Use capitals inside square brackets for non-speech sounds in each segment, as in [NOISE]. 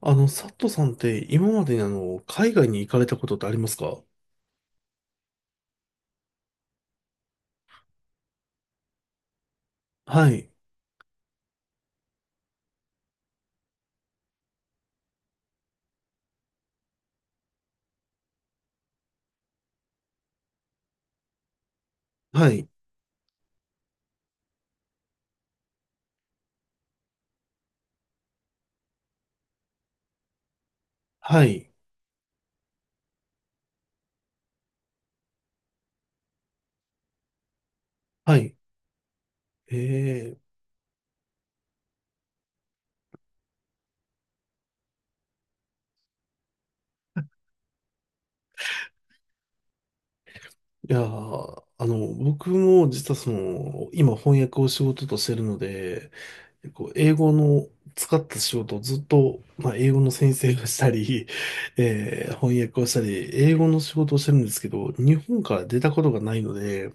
佐トさんって今までに海外に行かれたことってありますか？はい、はい、はい、はい。ええ、いやー、僕も実はその、今翻訳を仕事としてるので、こう、英語の使った仕事をずっと、まあ、英語の先生がしたり、翻訳をしたり、英語の仕事をしてるんですけど、日本から出たことがないので、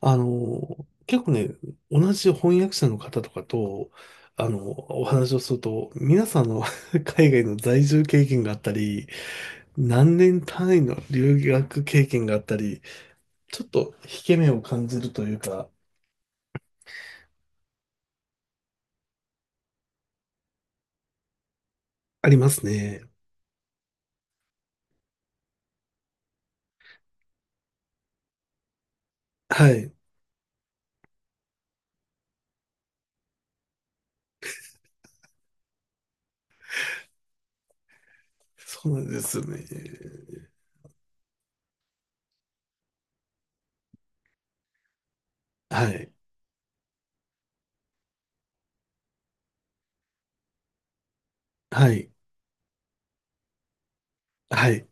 あの、結構ね、同じ翻訳者の方とかと、あの、お話をすると、皆さんあの [LAUGHS] 海外の在住経験があったり、何年単位の留学経験があったり、ちょっと引け目を感じるというか、ありますね。はい。そうなんですよね。はい。はい。はい。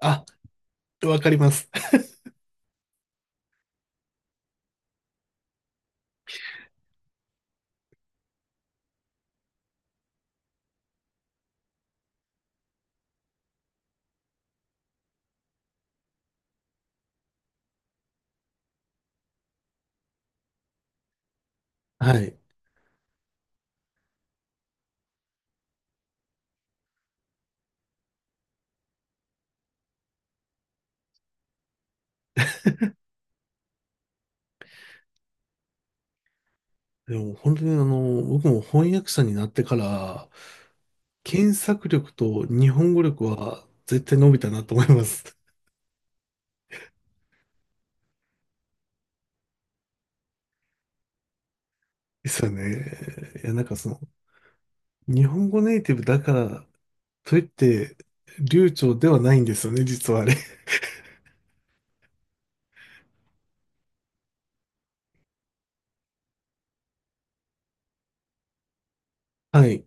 あ、わかります。はい。でも本当にあの、僕も翻訳者になってから、検索力と日本語力は絶対伸びたなと思います。[LAUGHS] ですよね。いや、なんかその、日本語ネイティブだから、といって、流暢ではないんですよね、実はあれ。[LAUGHS] はい、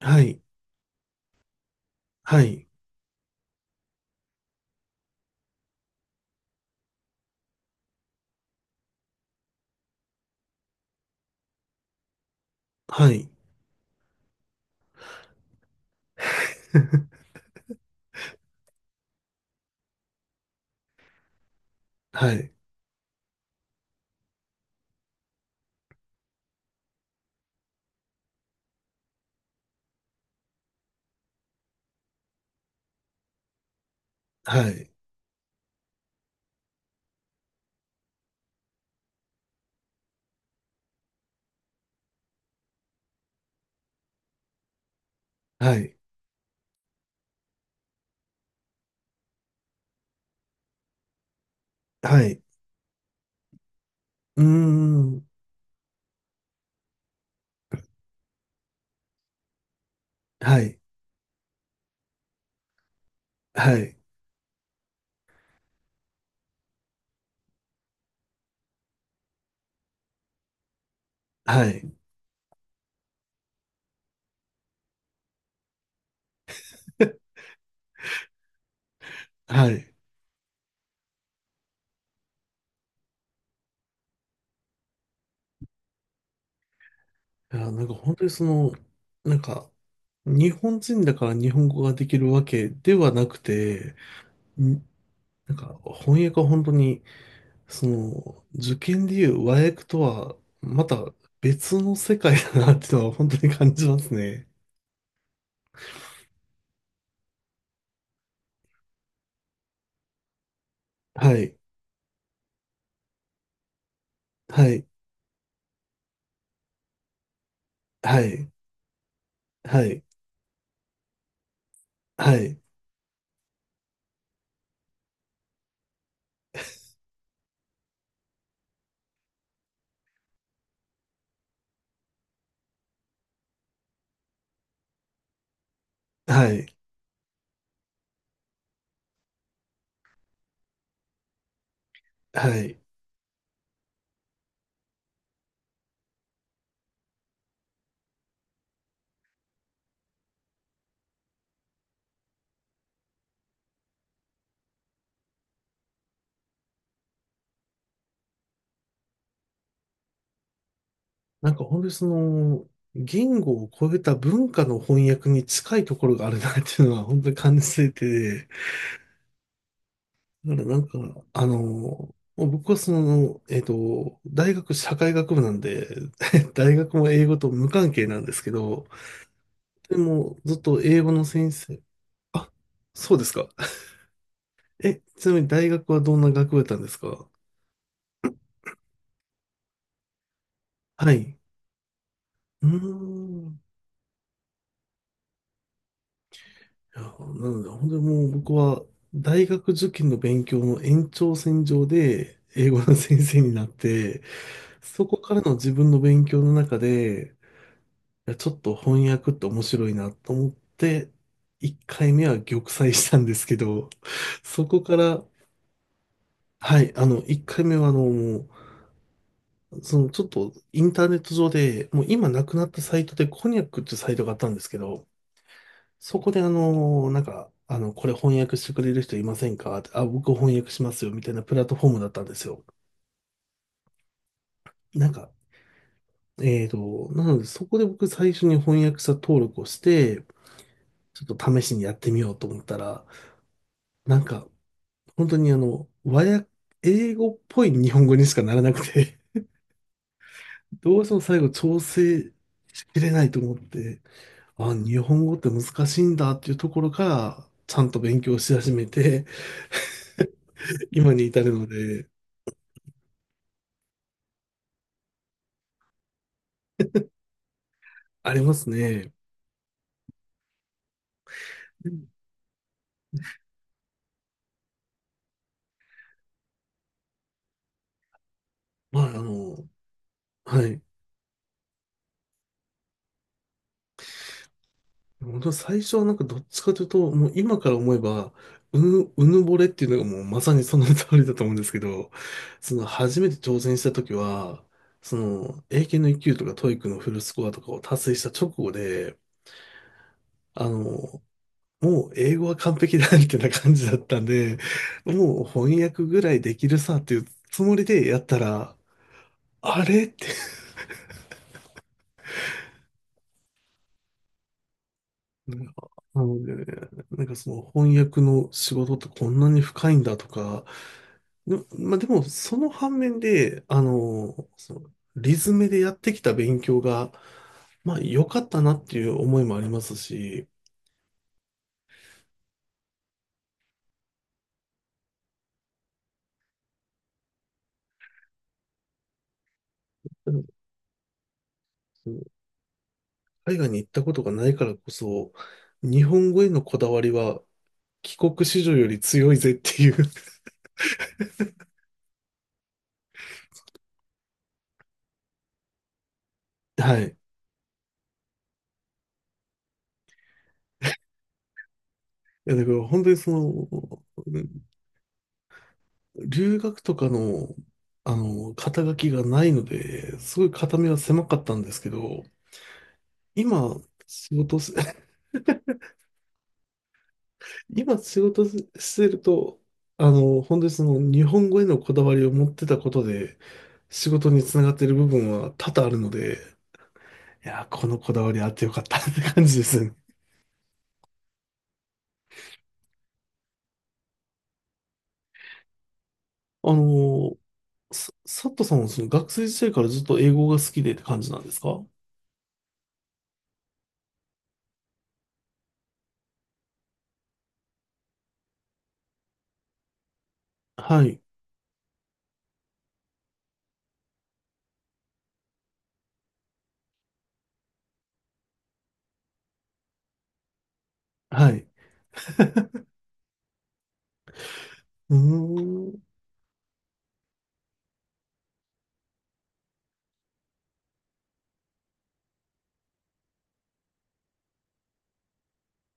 はい、はい、はい、[LAUGHS] はい、はい、はい、はい、うーん、はい、はい、はい、[LAUGHS] はい。いや、なんか本当にその、なんか、日本人だから日本語ができるわけではなくて、なんか翻訳は本当に、その、受験でいう和訳とは、また別の世界だなっていうのは本当に感じますね。はい。はい。はい。はい。はい。はい。はい。なんか本当にその、言語を超えた文化の翻訳に近いところがあるなっていうのは本当に感じていて、だからなんか、あの、もう僕はその、大学社会学部なんで、[LAUGHS] 大学も英語と無関係なんですけど、でも、ずっと英語の先生。そうですか。え、ちなみに大学はどんな学部だったんですか？はい。うーん。いや、なので、本当にもう僕は大学受験の勉強の延長線上で英語の先生になって、そこからの自分の勉強の中で、いや、ちょっと翻訳って面白いなと思って、1回目は玉砕したんですけど、そこから、はい、あの、1回目はあの、もうそのちょっとインターネット上で、もう今なくなったサイトでコニャックっていうサイトがあったんですけど、そこであの、なんか、あの、これ翻訳してくれる人いませんかってあ、僕翻訳しますよ、みたいなプラットフォームだったんですよ。なんか、なのでそこで僕最初に翻訳者登録をして、ちょっと試しにやってみようと思ったら、なんか、本当にあの、和訳、英語っぽい日本語にしかならなくて、どうしても最後調整しきれないと思って、あ、日本語って難しいんだっていうところから、ちゃんと勉強し始めて、今に至るので、ありますね。うん、まあ、あの、はい。本当最初はなんかどっちかというと、もう今から思えば、うぬぼれっていうのがもうまさにその通りだと思うんですけど、その初めて挑戦した時は、その英検の1級とか TOEIC のフルスコアとかを達成した直後で、あの、もう英語は完璧だみたいな感じだったんで、もう翻訳ぐらいできるさっていうつもりでやったら、あれって、なんか、なのでなんかその翻訳の仕事ってこんなに深いんだとか、で、まあ、でもその反面で、あの、そのリズムでやってきた勉強が、まあ良かったなっていう思いもありますし、うん、海外に行ったことがないからこそ、日本語へのこだわりは帰国子女より強いぜっていう [LAUGHS] はい。いや、だから本当にその、留学とかの、あの、肩書きがないので、すごい肩身は狭かったんですけど、今、仕事し、[LAUGHS] 今仕事してると、あの、本当にその日本語へのこだわりを持ってたことで、仕事につながってる部分は多々あるので、いや、このこだわりあってよかったって感じですね。あの、さサットさんはその学生時代からずっと英語が好きでって感じなんですか？はい。はい。うーん。